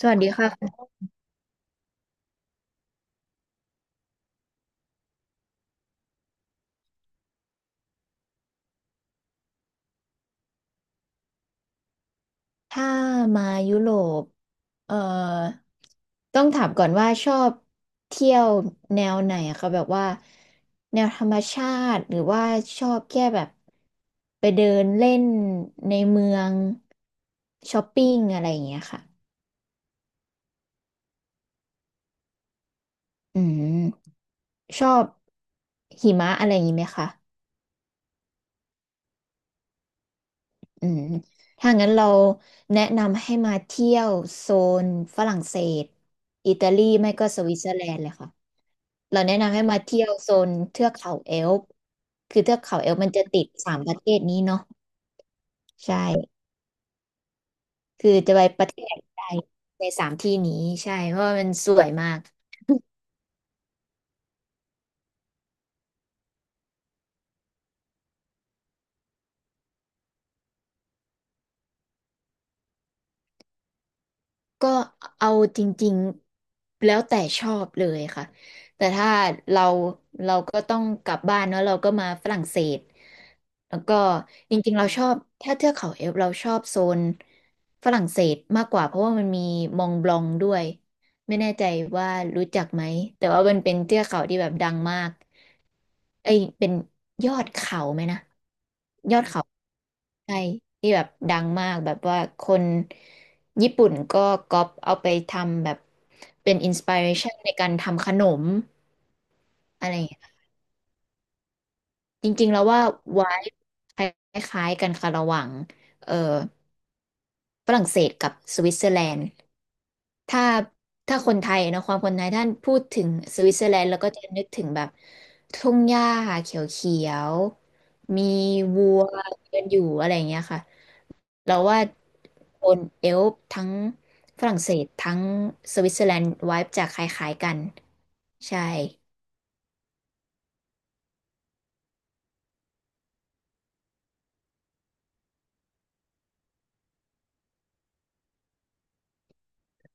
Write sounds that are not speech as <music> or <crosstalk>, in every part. สวัสดีค่ะ ถ้ามายุโรปเอ่อต้องถามก่อนว่าชอบเที่ยวแนวไหนอะคะแบบว่าแนวธรรมชาติ หรือว่าชอบแค่แบบไปเดินเล่นในเมืองช้อปปิ้งอะไรอย่างเงี้ยค่ะอืมชอบหิมะอะไรอย่างงี้ไหมคะ อืมถ้างั้นเราแนะนำให้มาเที่ยวโซนฝรั่งเศสอิตาลีไม่ก็สวิตเซอร์แลนด์เลยค่ะเราแนะนำให้มาเที่ยวโซนเทือกเขาแอลป์คือเทือกเขาแอลป์มันจะติดสามประเทศนี้เนาะใช่คือจะไปประเทศใดในสามที่นี้ใช่เพราะว่ามันสวยมาก ก็เอาจริงๆแล้วแต่ชอบเลยค่ะแต่ถ้าเราเราก็ต้องกลับบ้านเนอะเราก็มาฝรั่งเศสแล้วก็จริงๆเราชอบถ้าเทือกเขาเอลป์เราชอบโซนฝรั่งเศสมากกว่าเพราะว่ามันมีมองบลองด้วย ไม่แน่ใจว่ารู้จักไหมแต่ว่ามันเป็นเทือกเขาที่แบบดังมากเอ้ยเป็นยอดเขาไหมนะยอดเขาใช่ที่แบบดังมากแบบว่าคนญี่ปุ่นก็ก๊อปเอาไปทำแบบเป็นอินสปิเรชันในการทำขนมอะไรอย่างเงี้ยจริงๆแล้วว่าไวายคล้ายๆกันค่ะระหว่างเอ่อฝรั่งเศสกับสวิตเซอร์แลนด์ ถ้าถ้าคนไทยเนอะความคนไทยท่านพูดถึงสวิตเซอร์แลนด์แล้วก็จะนึกถึงแบบทุ่งหญ้าเขียวๆมีวัวเดินอยู่อะไรอย่างเงี้ยค่ะเราว่าคนเอลป์ทั้งฝรั่งเศสทั้งสวิตเซอร์แลนด์ไวบ์จะคล้ายๆกันใช่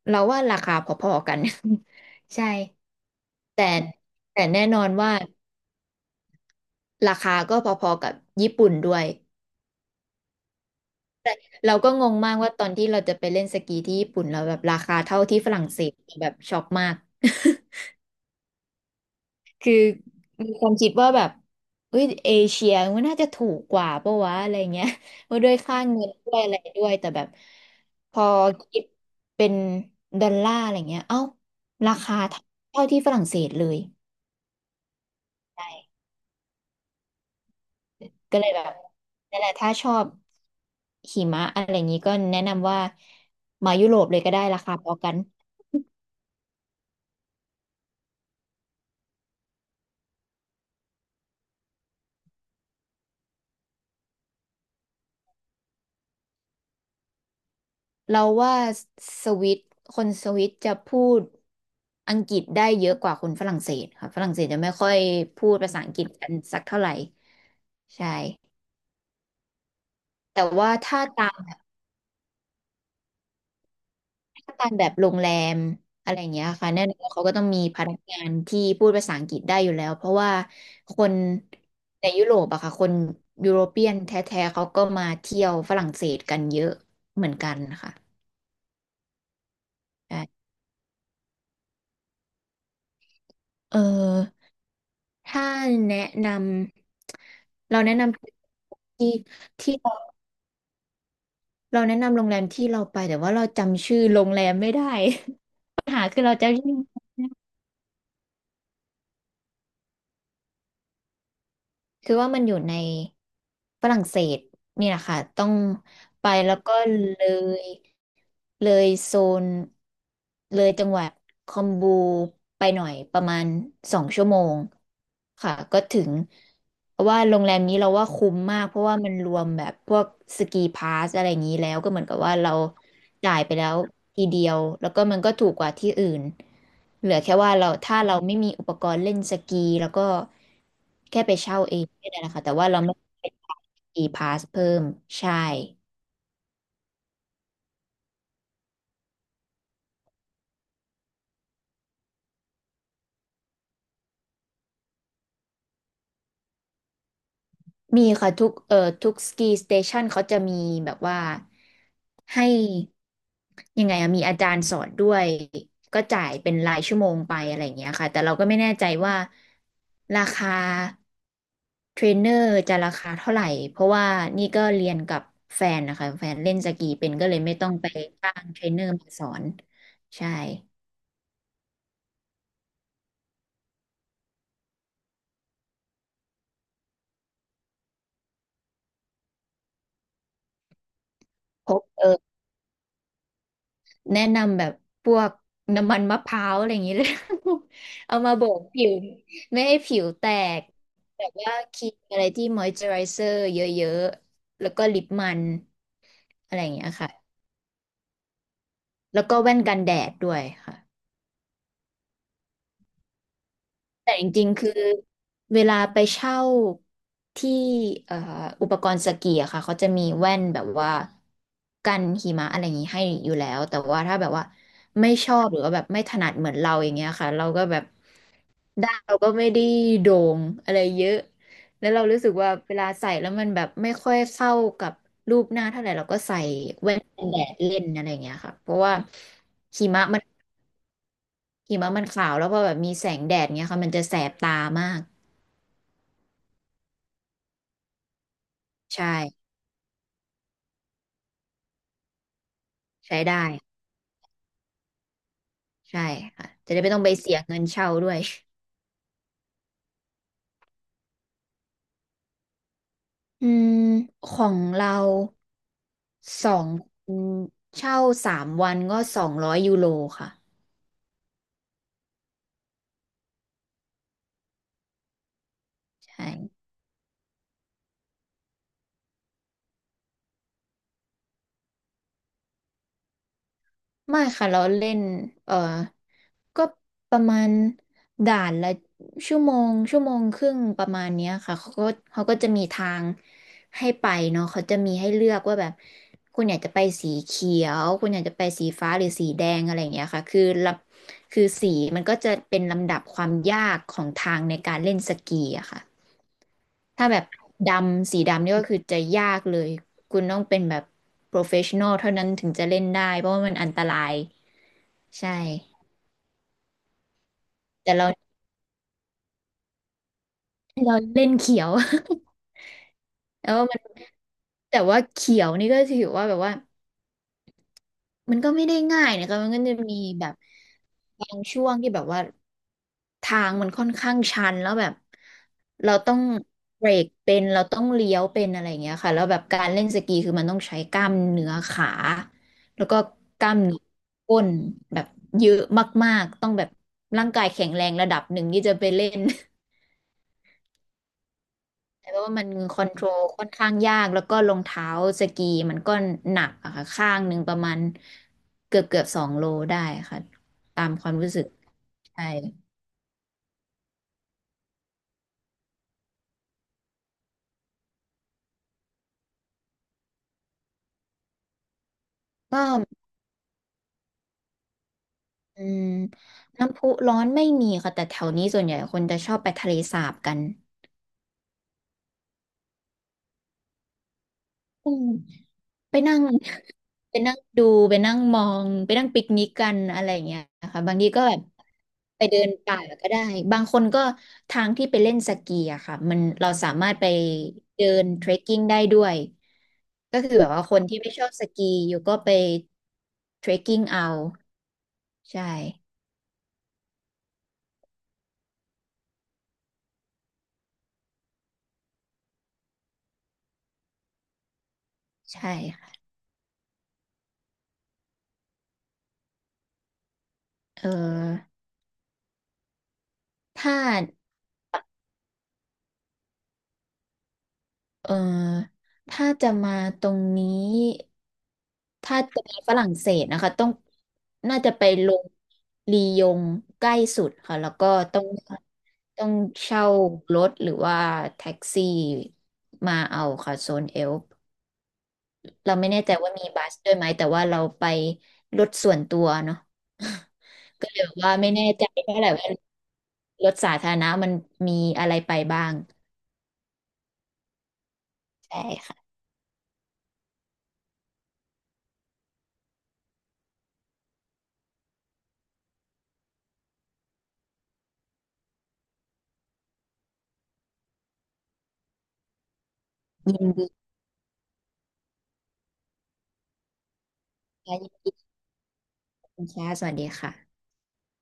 เราว่าราคาพอๆกัน <laughs> ใช่แต่แต่แน่นอนว่าราคาก็พอๆกับญี่ปุ่นด้วย เราก็งงมากว่าตอนที่เราจะไปเล่นสกีที่ญี่ปุ่นเราแบบราคาเท่าที่ฝรั่งเศสแบบช็อกมาก <laughs> คือมีความคิดว่าแบบเอ้ยเอเชียมันน่าจะถูกกว่าปะวะอะไรเงี้ยว่าด้วยค่าเงินด้วยอะไรด้วยแต่แบบพอคิดเป็นดอลลาร์อะไรเงี้ยเอ้าราคาเท่าที่ฝรั่งเศสเลยใช่ก็เลยแบบนั่นแหละถ้าชอบหิมะอะไรอย่างนี้ก็แนะนำว่ามายุโรปเลยก็ได้ราคาพอกัน เราว่าสวิตคนสวิตจะพูดอังกฤษได้เยอะกว่าคนฝรั่งเศสค่ะฝรั่งเศสจะไม่ค่อยพูดภาษาอังกฤษกันสักเท่าไหร่ใช่แต่ว่าถ้าตามถ้าตามแบบโรงแรมอะไรอย่างเงี้ยค่ะแน่นอนเขาก็ต้องมีพนักงานที่พูดภาษาอังกฤษได้อยู่แล้วเพราะว่าคนในยุโรปอะค่ะคนยุโรเปียนแท้ๆเขาก็มาเที่ยวฝรั่งเศสกันเยอะเหมือนกันนะคะใช่เออ ถ้าแนะนำเราแนะนำที่ที่เราแนะนำโรงแรมที่เราไปแต่ว่าเราจำชื่อโรงแรมไม่ได้ <laughs> ปัญหาคือเราจำชื่อ คือว่ามันอยู่ในฝรั่งเศสนี่แหละค่ะต้องไปแล้วก็เลยเลยโซนเลยจังหวัดคอมบูไปหน่อยประมาณ2 ชั่วโมงค่ะก็ถึงเพราะว่าโรงแรมนี้เราว่าคุ้มมากเพราะว่ามันรวมแบบพวกสกีพาสอะไรอย่างนี้แล้วก็เหมือนกับว่าเราจ่ายไปแล้วทีเดียวแล้วก็มันก็ถูกกว่าที่อื่นเหลือแค่ว่าเราถ้าเราไม่มีอุปกรณ์เล่นสกีแล้วก็ แค่ไปเช่าเองก็ได้นะคะแต่ว่าเราไม่ไปอีพาสเพิ่มใช่มีค่ะทุกทุกสกีสเตชันเขาจะมีแบบว่าให้ยังไงอะมีอาจารย์สอนด้วยก็จ่ายเป็นรายชั่วโมงไปอะไรอย่างเงี้ยค่ะแต่เราก็ไม่แน่ใจว่าราคาเทรนเนอร์จะราคาเท่าไหร่เพราะว่านี่ก็เรียนกับแฟนนะคะแฟนเล่นสกีเป็นก็เลยไม่ต้องไปจ้างเทรนเนอร์มาสอนใช่พบแนะนำแบบพวกน้ำมันมะพร้าวอะไรอย่างนี้เลย <laughs> เอามาโบกผิวไม่ให้ผิวแตกแบบว่าครีมอะไรที่มอยเจอไรเซอร์เยอะๆ แล้วก็ลิปมันอะไรอย่างเงี้ยค่ะ แล้วก็แว่นกันแดดด้วยค่ะ แต่จริงๆคือเวลาไปเช่าที่เอ่ออุปกรณ์สกีอะค่ะเขาจะมีแว่นแบบว่ากันหิมะอะไรอย่างนี้ให้อยู่แล้วแต่ว่าถ้าแบบว่าไม่ชอบหรือว่าแบบไม่ถนัดเหมือนเราอย่างเงี้ยค่ะเราก็แบบด้านเราก็ไม่ได้โด่งอะไรเยอะแล้วเรารู้สึกว่าเวลาใส่แล้วมันแบบไม่ค่อยเข้ากับรูปหน้าเท่าไหร่เราก็ใส่แว่นกันแดดเล่นอะไรอย่างเงี้ยค่ะเพราะว่าหิมะมันหิมะมันขาวแล้วพอแบบมีแสงแดดเงี้ยค่ะมันจะแสบตามาก ใช่ใช้ได้ใช่ค่ะจะได้ไม่ต้องไปเสียเงินเช่าด้วยอืมของเราสองคนเช่า3 วันก็200 ยูโรค่ะใช่ ไม่ค่ะเราเล่นเออก็ประมาณด่านละชั่วโมงชั่วโมงครึ่งประมาณเนี้ยค่ะเขาก็จะมีทางให้ไปเนาะเขาจะมีให้เลือกว่าแบบคุณอยากจะไปสีเขียวคุณอยากจะไปสีฟ้าหรือสีแดงอะไรอย่างเงี้ยค่ะคือสีมันก็จะเป็นลำดับความยากของทางในการเล่นสกีอะค่ะถ้าแบบดำสีดำนี่ก็คือจะยากเลยคุณต้องเป็นแบบโปรเฟชชั่นอลเท่านั้นถึงจะเล่นได้เพราะว่ามันอันตราย ใช่แต่เราเล่นเขียว <laughs> แล้วมันแต่ว่าเขียวนี่ก็ถือว่าแบบว่ามันก็ไม่ได้ง่ายนะคะมันก็จะมีแบบบางช่วงที่แบบว่าทางมันค่อนข้างชันแล้วแบบเราต้องเบรกเป็นเราต้องเลี้ยวเป็นอะไรอย่างเงี้ยค่ะแล้วแบบการเล่นสกีคือมันต้องใช้กล้ามเนื้อขาแล้วก็กล้ามเนื้อก้นแบบเยอะมากๆต้องแบบร่างกายแข็งแรงระดับหนึ่งที่จะไปเล่น แต่ว่ามันคอนโทรลค่อนข้างยากแล้วก็รองเท้าสกีมันก็หนักอะค่ะข้างหนึ่งประมาณเกือบ2 โลได้ค่ะตามความรู้สึกใช่ก็อืมน้ำพุร้อนไม่มีค่ะแต่แถวนี้ส่วนใหญ่คนจะชอบไปทะเลสาบกันอืม ไปนั่ง <laughs> ไปนั่งดูไปนั่งมองไปนั่งปิกนิกกันอะไรอย่างเงี้ยนะคะบางทีก็แบบไปเดินป่าก็ได้บางคนก็ทางที่ไปเล่นสกีอะค่ะมันเราสามารถไปเดินเทรคกิ้งได้ด้วยก็คือแบบว่าคนที่ไม่ชอบสกีอยู่ก็ไปเทรคกิ้งเอาใช่ใช่ค่ะเออถ้า เอ่อถ้าจะมาตรงนี้ถ้าจะไปฝรั่งเศสนะคะต้องน่าจะไปลงลียงใกล้สุดค่ะแล้วก็ต้องต้องเช่ารถหรือว่าแท็กซี่มาเอาค่ะโซนเอลป์เราไม่แน่ใจว่ามีบัสด้วยไหมแต่ว่าเราไปรถส่วนตัวเนาะ <laughs> ก็เลยว่าไม่แน่ใจเท่าไหร่ว่ารถสาธารณะมันมีอะไรไปบ้างใช่ค่ะยินดีค่ะ คุณแชร์สวัสดีค่ะ